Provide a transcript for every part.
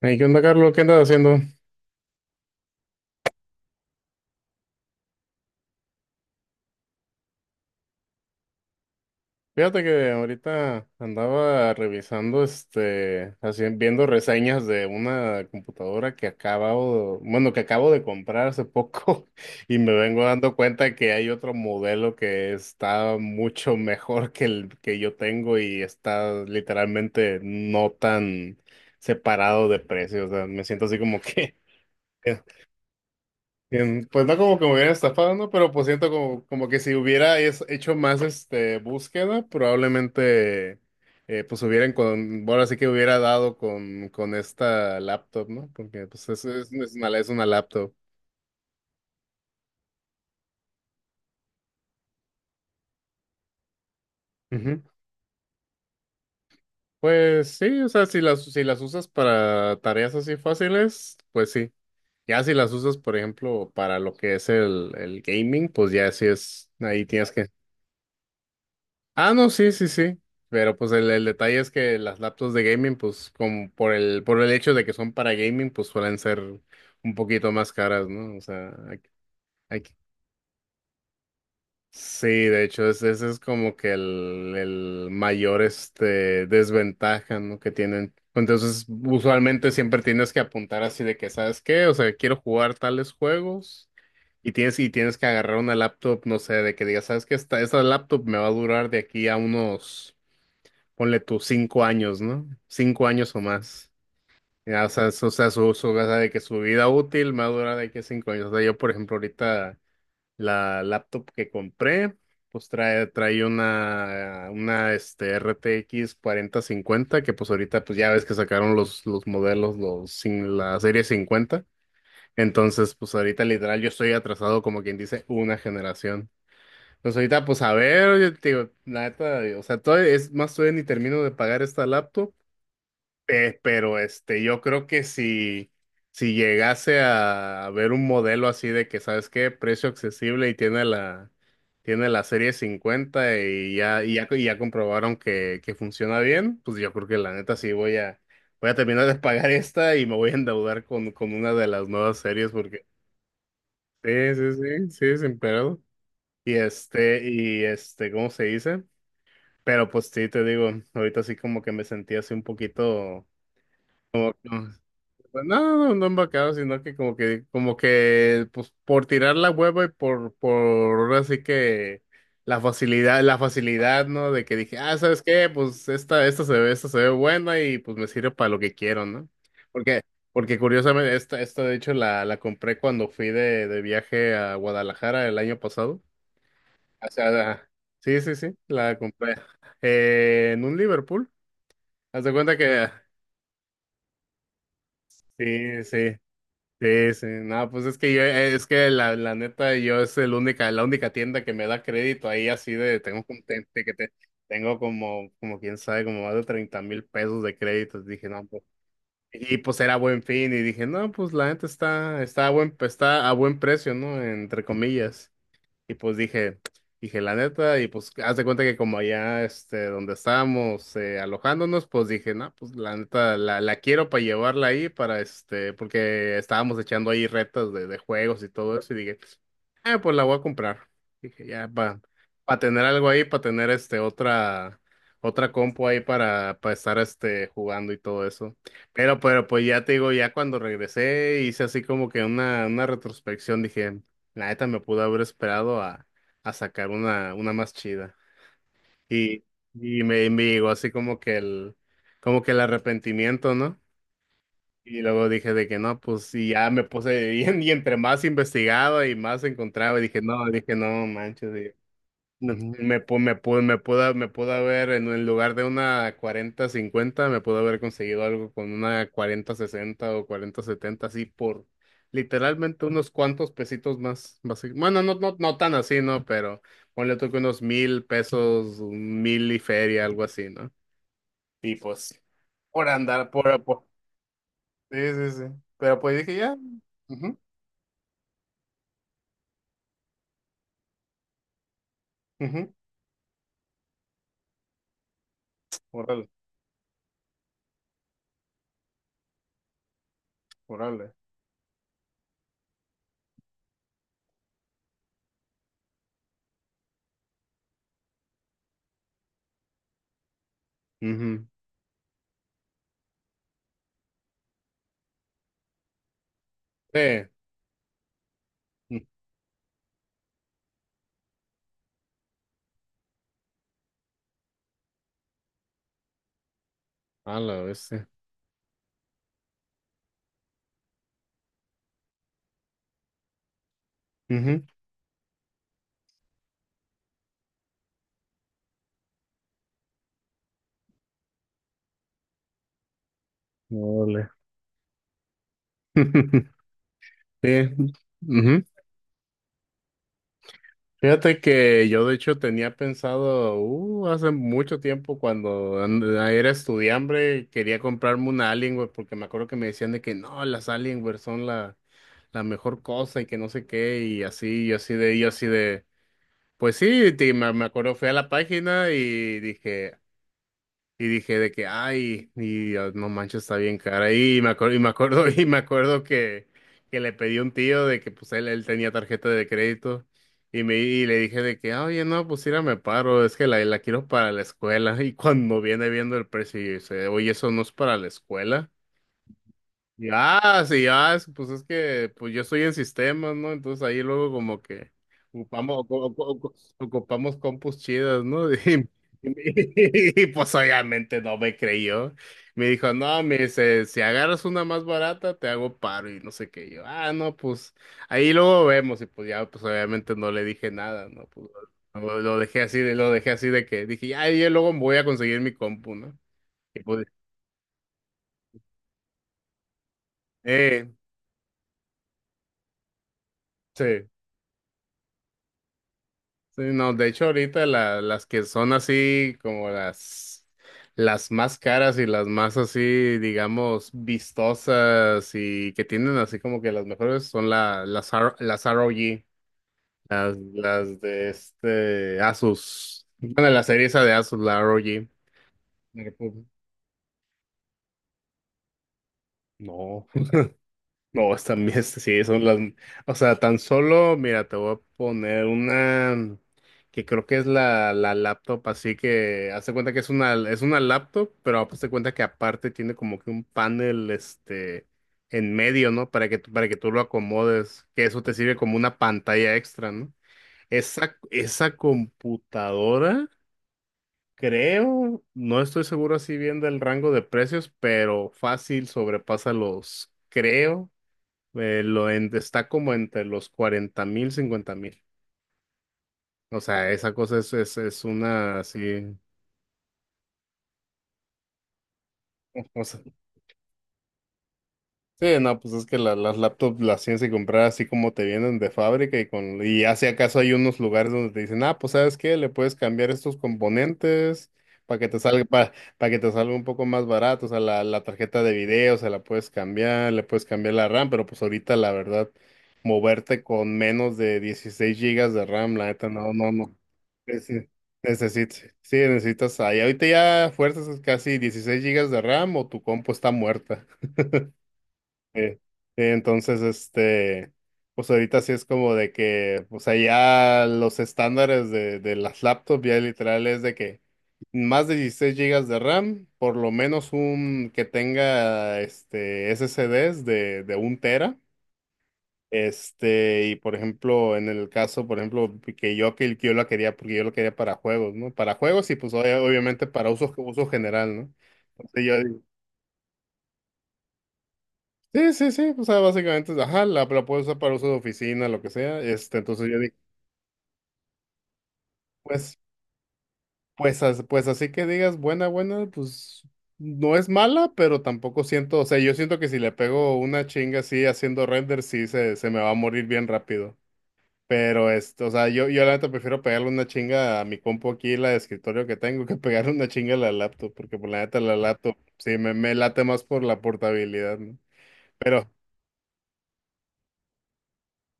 Hey, ¿qué onda, Carlos? ¿Qué andas haciendo? Fíjate que ahorita andaba revisando, viendo reseñas de una computadora que acabo de comprar hace poco y me vengo dando cuenta que hay otro modelo que está mucho mejor que el que yo tengo y está literalmente no tan separado de precio. O sea, me siento así como que bien. Pues no como que me hubieran estafado, ¿no? Pero pues siento como que si hubiera hecho más búsqueda, probablemente, pues sí que hubiera dado con esta laptop, ¿no? Porque pues es una laptop. Ujú. Pues sí, o sea, si las usas para tareas así fáciles, pues sí. Ya si las usas, por ejemplo, para lo que es el gaming, pues ya sí es, ahí tienes que... Ah, no, sí, sí, sí. Pero pues el detalle es que las laptops de gaming, pues como por el hecho de que son para gaming, pues suelen ser un poquito más caras, ¿no? O sea, aquí- sí, de hecho, ese es como que el mayor desventaja, ¿no? Que tienen. Entonces, usualmente siempre tienes que apuntar así de que, ¿sabes qué? O sea, quiero jugar tales juegos. Y tienes que agarrar una laptop, no sé, de que digas, ¿sabes qué? Esta laptop me va a durar de aquí a unos, ponle tus 5 años, ¿no? 5 años o más. Ya, o sea, o sea, de que su vida útil más dura de que 5 años. O sea, yo, por ejemplo, ahorita la laptop que compré, pues trae una RTX 50, que pues ahorita, pues ya ves que sacaron los modelos, los, sin, la serie 50. Entonces, pues ahorita literal yo estoy atrasado como quien dice una generación. Pues ahorita, pues a ver, yo te digo, la neta, o sea, todavía es más, todavía ni termino de pagar esta laptop. Yo creo que si llegase a ver un modelo así de que, ¿sabes qué? Precio accesible y tiene la serie 50 y ya, y ya comprobaron que funciona bien, pues yo creo que la neta sí voy a terminar de pagar esta y me voy a endeudar con una de las nuevas series porque sí, sí, sí, sí, sin pedo. ¿Cómo se dice? Pero pues sí, te digo, ahorita sí como que me sentí así un poquito. Pues no, no, no embarcado, sino que pues, por tirar la hueva y ahora sí que la facilidad, ¿no? De que dije, ah, ¿sabes qué? Pues esta se ve buena y pues me sirve para lo que quiero, ¿no? Porque, porque curiosamente, esta de hecho la compré cuando fui de viaje a Guadalajara el año pasado. O sea, la- sí, sí, sí, la compré, en un Liverpool. Haz de cuenta que... sí, sí. Sí, sí, no, pues es que yo, es que la neta, yo es la única tienda que me da crédito ahí, así de, tengo como, te- te- que te- tengo como, como quién sabe, como más de 30,000 pesos de créditos, dije, no, pues, y pues era buen fin, y dije, no, pues la neta está, está a buen precio, ¿no? Entre comillas. Y pues dije, la neta, y pues haz de cuenta que como allá, donde estábamos, alojándonos, pues dije, no, pues la neta, la quiero para llevarla ahí, para porque estábamos echando ahí retas de juegos y todo eso, y dije... Ah, pues la voy a comprar. Dije, ya, para tener algo ahí, para tener otra compu ahí para estar jugando y todo eso. Pero pues ya te digo, ya cuando regresé, hice así como que una retrospección. Dije, la neta me pudo haber esperado a sacar una más chida. Y, y me llegó así como que el arrepentimiento, ¿no? Y luego dije de que no, pues y ya me puse, y entre más investigaba y más encontraba, y dije, no, manches, no, me pudo haber, en lugar de una 4050, me pudo haber conseguido algo con una 4060 o 4070, así por literalmente unos cuantos pesitos más, bueno, no, no, no tan así, ¿no? Pero ponle tú que unos 1,000 pesos, un mil y feria, algo así, ¿no? Y pues, por andar, por sí, sí, sí. Pero pues dije, ya. Ujú, ujú. Órale, órale. Ujú. Sí. Mm. A la vez, sí. Ujú. Órale. Sí. Ujú. Fíjate que yo de hecho tenía pensado, hace mucho tiempo cuando era estudiante, quería comprarme una Alienware porque me acuerdo que me decían de que no, las Alienware son la mejor cosa y que no sé qué, y así, y así de, pues sí, me acuerdo, fui a la página y dije, y dije de que, ay, y ah, no manches, está bien cara. Y me acuerdo, y me acuerdo que le pedí a un tío de que pues él tenía tarjeta de crédito. Y le dije de que, "Ah, oye, no, pues mira, me paro, es que la quiero para la escuela". Y cuando viene viendo el precio, y dice, oye, eso no es para la escuela. Pues es que pues yo estoy en sistemas, ¿no? Entonces ahí luego como que ocupamos, ocu- ocu- ocu- ocupamos compus chidas, ¿no? Y, pues obviamente no me creyó. Me dijo, no, me dice, si agarras una más barata, te hago paro y no sé qué. Yo, ah, no, pues ahí luego vemos. Y pues ya, pues obviamente no le dije nada, ¿no? Pues lo dejé así de, lo dejé así de que dije, ya, yo luego voy a conseguir mi compu, ¿no? Y pues, eh, sí. Sí, no, de hecho ahorita las que son así como las más caras y las más así, digamos, vistosas y que tienen así como que las mejores son las ROG, las de Asus. Bueno, la serie esa de Asus, la ROG. No. No, están bien, sí, son las, o sea, tan solo, mira, te voy a poner una que creo que es la laptop, así que hazte cuenta que es una laptop, pero hazte cuenta que aparte tiene como que un panel, en medio, ¿no? Para que, para que tú lo acomodes, que eso te sirve como una pantalla extra, ¿no? Esa computadora, creo, no estoy seguro así bien del rango de precios, pero fácil sobrepasa los, creo. Está como entre los 40,000, 50,000. O sea, esa cosa es, es una así. Sí, no, pues es que las laptops las tienes que comprar así como te vienen de fábrica y con y ya si acaso hay unos lugares donde te dicen, ah, pues sabes qué, le puedes cambiar estos componentes para que te salga para que te salga un poco más barato, o sea, la tarjeta de video se la puedes cambiar, le puedes cambiar la RAM, pero pues ahorita la verdad moverte con menos de 16 gigas de RAM, la neta, no, no, no. Nece- Necesitas, sí, necesitas ahí. Ahorita ya fuerzas casi 16 gigas de RAM o tu compu está muerta. Eh, entonces, pues ahorita sí es como de que, o sea, ya los estándares de las laptops ya literal es de que más de 16 gigas de RAM, por lo menos un que tenga SSDs de un tera. Y por ejemplo, en el caso, por ejemplo, que yo la quería, porque yo lo quería para juegos, ¿no? Para juegos y pues obviamente para uso general, ¿no? Entonces yo, sí, sí, sí, o sea, básicamente, ajá, la puedes usar para uso de oficina, lo que sea, entonces yo dije, pues, pues, pues así que digas, buena, buena, pues, no es mala, pero tampoco siento, o sea, yo siento que si le pego una chinga así haciendo render, sí, se me va a morir bien rápido, pero, o sea, yo la neta prefiero pegarle una chinga a mi compu aquí, la de escritorio que tengo, que pegarle una chinga a la laptop, porque por la neta la laptop, sí, me late más por la portabilidad, ¿no?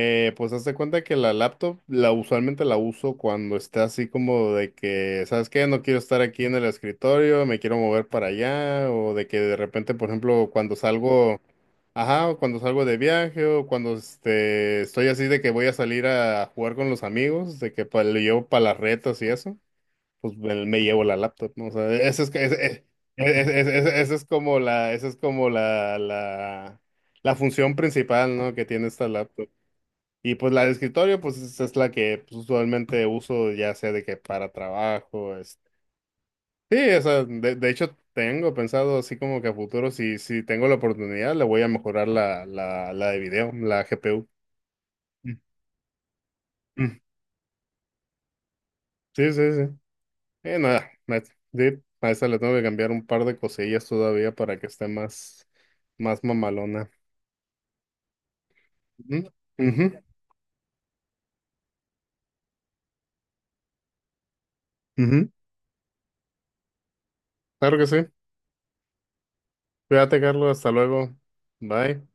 Pues hazte cuenta que la laptop la usualmente la uso cuando está así como de que, ¿sabes qué? No quiero estar aquí en el escritorio, me quiero mover para allá, o de que de repente, por ejemplo, cuando salgo, ajá, o cuando salgo de viaje, o cuando estoy así de que voy a salir a jugar con los amigos, de que le llevo para las retas y eso, pues me llevo la laptop, ¿no? O sea, eso es, esa es como la, la función principal, ¿no? Que tiene esta laptop. Y pues la de escritorio, pues es la que pues, usualmente uso, ya sea de que para trabajo, Sí, o sea, de hecho tengo pensado así como que a futuro, si tengo la oportunidad, le voy a mejorar la de video, la GPU. Mm, mm. Sí, sí, sí. Nada, ma- sí, a esa le tengo que cambiar un par de cosillas todavía para que esté más mamalona. Ujú, ujú, ujú. Claro que sí. Cuídate, Carlos, hasta luego. Bye.